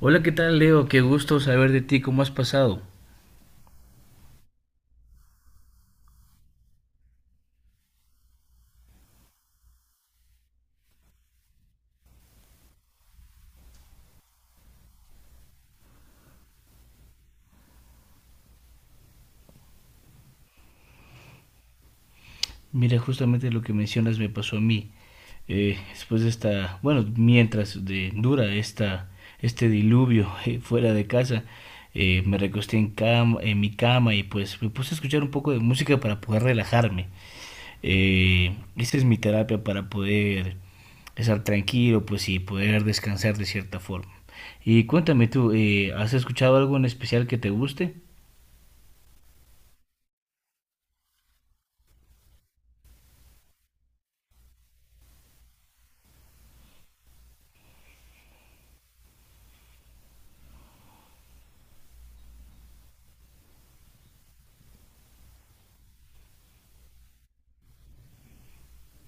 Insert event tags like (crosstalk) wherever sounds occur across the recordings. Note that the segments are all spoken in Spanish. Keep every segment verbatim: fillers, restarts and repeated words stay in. Hola, ¿qué tal, Leo? Qué gusto saber de ti. ¿Cómo has pasado? Mira, justamente lo que mencionas me pasó a mí. Eh, después de esta, bueno, mientras de, dura esta, este diluvio (laughs) eh, fuera de casa, eh, me recosté en cama, en mi cama, y pues me puse a escuchar un poco de música para poder relajarme. Eh, esa es mi terapia para poder estar tranquilo, pues, y poder descansar de cierta forma. Y cuéntame tú, eh, ¿has escuchado algo en especial que te guste?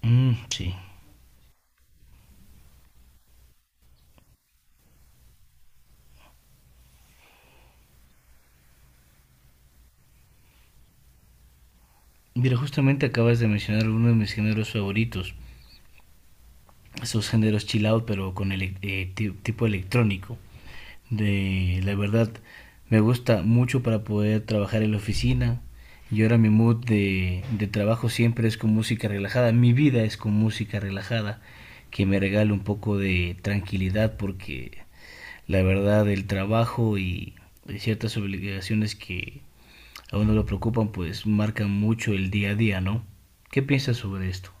Mm, sí. Mira, justamente acabas de mencionar uno de mis géneros favoritos, esos géneros chill out, pero con el tipo electrónico. De la verdad, me gusta mucho para poder trabajar en la oficina. Y ahora mi mood de, de trabajo siempre es con música relajada. Mi vida es con música relajada, que me regala un poco de tranquilidad, porque la verdad, el trabajo y y ciertas obligaciones que a uno lo preocupan, pues marcan mucho el día a día, ¿no? ¿Qué piensas sobre esto?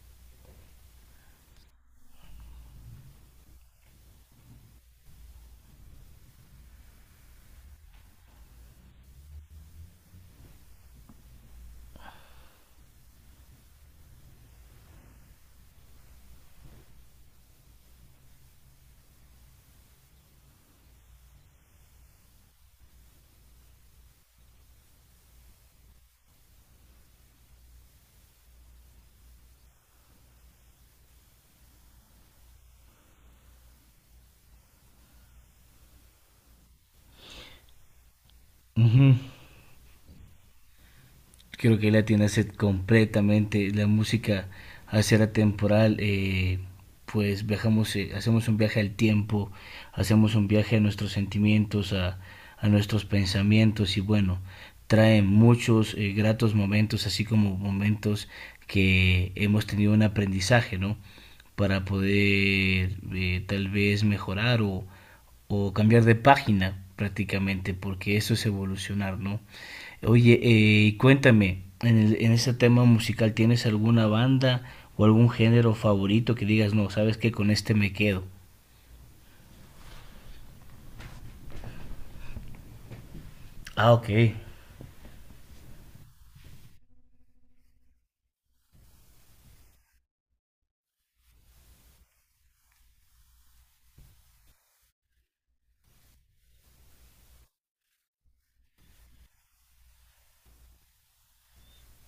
Creo que la tiene a ser completamente la música al ser atemporal, eh, pues viajamos, eh, hacemos un viaje al tiempo, hacemos un viaje a nuestros sentimientos, a, a nuestros pensamientos, y bueno, trae muchos, eh, gratos momentos, así como momentos que hemos tenido un aprendizaje, no, para poder, eh, tal vez mejorar o, o cambiar de página, prácticamente, porque eso es evolucionar, no. Oye, eh, y cuéntame, en el, en ese tema musical, ¿tienes alguna banda o algún género favorito que digas, no, sabes que con este me quedo? Ah, ok,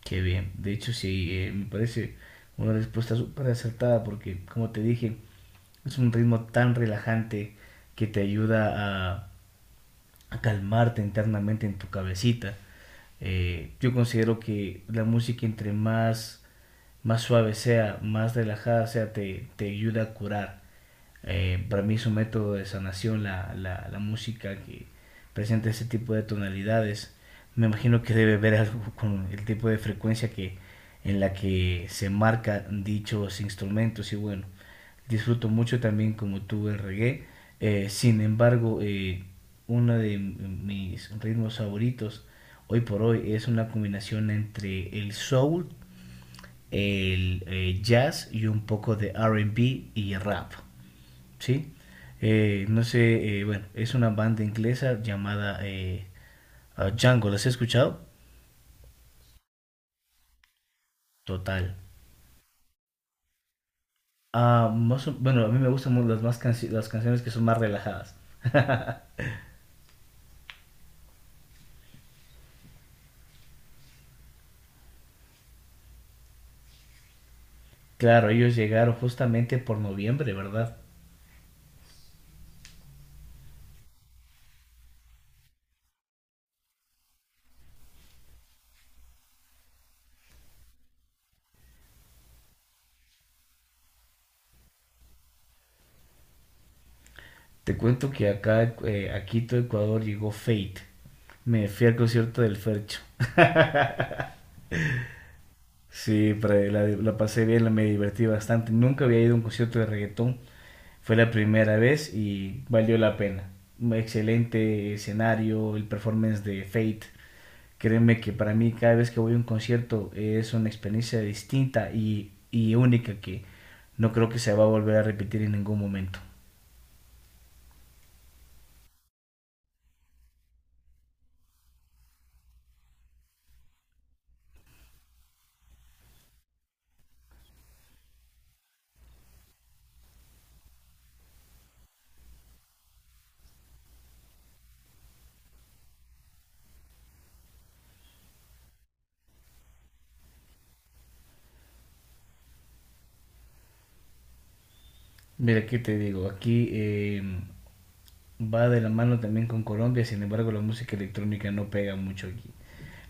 qué bien. De hecho, sí, eh, me parece una respuesta súper acertada porque, como te dije, es un ritmo tan relajante que te ayuda a, a calmarte internamente en tu cabecita. Eh, yo considero que la música entre más más suave sea, más relajada sea, te, te ayuda a curar. Eh, para mí es un método de sanación la, la, la música que presenta ese tipo de tonalidades. Me imagino que debe ver algo con el tipo de frecuencia que, en la que se marcan dichos instrumentos, y bueno, disfruto mucho también como tú el reggae. Eh, sin embargo, eh, uno de mis ritmos favoritos hoy por hoy es una combinación entre el soul, el eh, jazz y un poco de R B y rap, ¿sí? Eh, no sé, eh, Bueno, es una banda inglesa llamada eh, ah, Django, ¿las he escuchado? Total. Ah, más o- bueno, a mí me gustan mu- las, más canci- las canciones que son más relajadas. Claro, ellos llegaron justamente por noviembre, ¿verdad? Te cuento que acá, eh, a Quito, Ecuador, llegó Fate. Me fui al concierto del Fercho. Sí, pero la, la pasé bien, la- me divertí bastante. Nunca había ido a un concierto de reggaetón. Fue la primera vez y valió la pena. Un excelente escenario, el performance de Fate. Créeme que para mí cada vez que voy a un concierto es una experiencia distinta y, y única, que no creo que se va a volver a repetir en ningún momento. Mira, ¿qué te digo? Aquí eh, va de la mano también con Colombia, sin embargo la música electrónica no pega mucho aquí.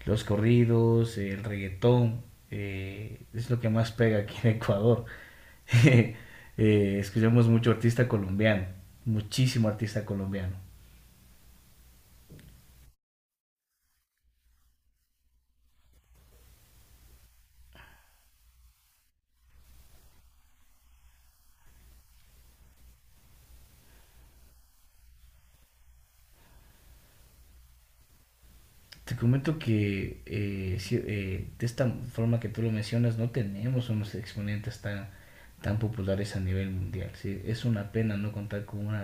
Los corridos, el reggaetón, eh, es lo que más pega aquí en Ecuador. (laughs) eh, Escuchamos mucho artista colombiano, muchísimo artista colombiano. Te comento que, eh, sí, eh, de esta forma que tú lo mencionas, no tenemos unos exponentes tan tan populares a nivel mundial. ¿Sí? Es una pena no contar con un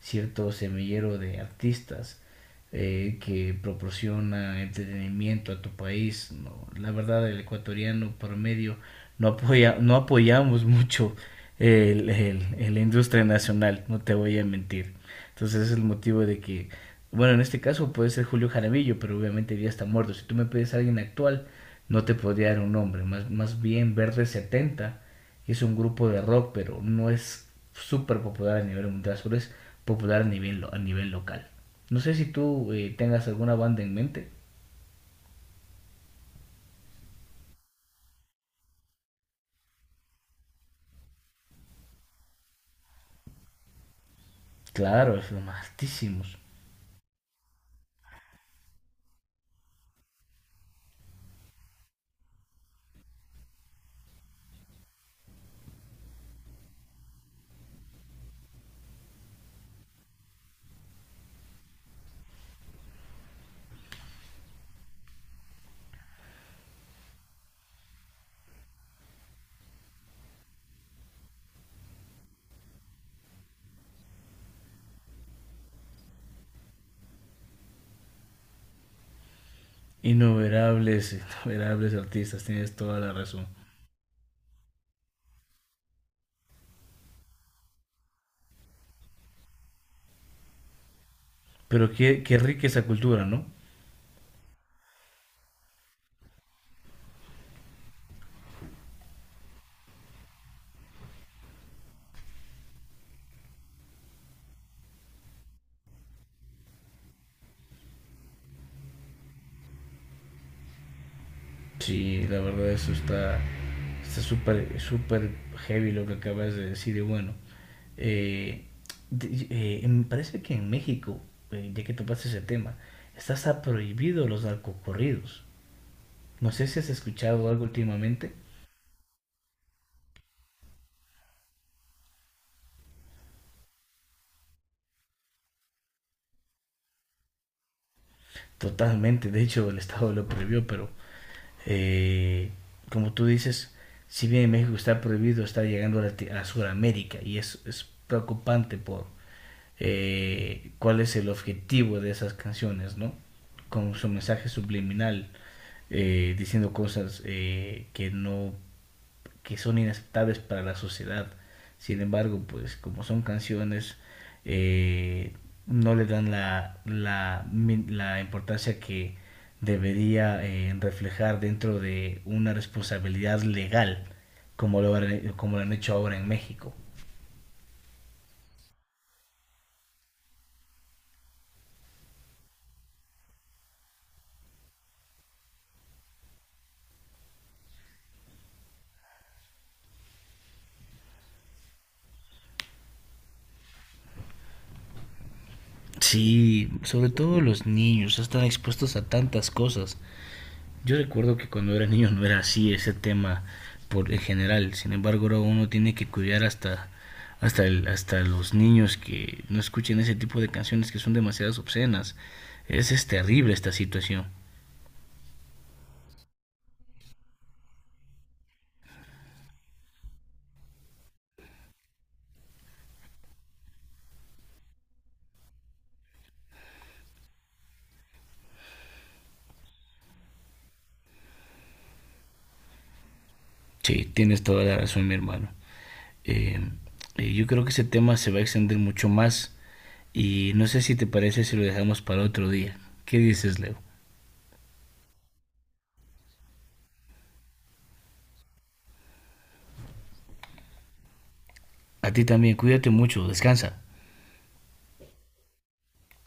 cierto semillero de artistas, eh, que proporciona entretenimiento a tu país. No, la verdad, el ecuatoriano promedio no apoya, no apoyamos mucho el, el- el- la industria nacional, no te voy a mentir. Entonces ese es el motivo de que, bueno, en este caso puede ser Julio Jaramillo, pero obviamente ya está muerto. Si tú me pides a alguien actual, no te podría dar un nombre. Más, más bien Verde setenta es un grupo de rock, pero no es súper popular a nivel mundial, solo es popular a nivel, a nivel local. No sé si tú eh, tengas alguna banda en mente. Claro, es lo altísimos. Innumerables, innumerables artistas, tienes toda la razón. Pero qué, qué rica esa cultura, ¿no? Sí, la verdad eso está está súper súper heavy lo que acabas de decir, y bueno, eh, de- eh, me parece que en México, eh, ya que topaste ese tema, está hasta prohibido los narcocorridos. No sé si has escuchado algo últimamente. Totalmente, de hecho el Estado lo prohibió, pero, eh, como tú dices, si bien en México está prohibido, está llegando a, a Sudamérica y es, es preocupante por, eh, cuál es el objetivo de esas canciones, ¿no? Con su mensaje subliminal, eh, diciendo cosas, eh, que no que son inaceptables para la sociedad. Sin embargo, pues como son canciones, eh, no le dan la, la, la importancia que debería, eh, reflejar dentro de una responsabilidad legal, como lo, como lo han hecho ahora en México. Sí, sobre todo los niños están expuestos a tantas cosas. Yo recuerdo que cuando era niño no era así ese tema por en general. Sin embargo, ahora uno tiene que cuidar hasta hasta el- hasta los niños que no escuchen ese tipo de canciones que son demasiadas obscenas. Es, es terrible esta situación. Sí, tienes toda la razón, mi hermano. Eh, eh, yo creo que ese tema se va a extender mucho más, y no sé si te parece si lo dejamos para otro día. ¿Qué dices, Leo? A ti también, cuídate mucho, descansa.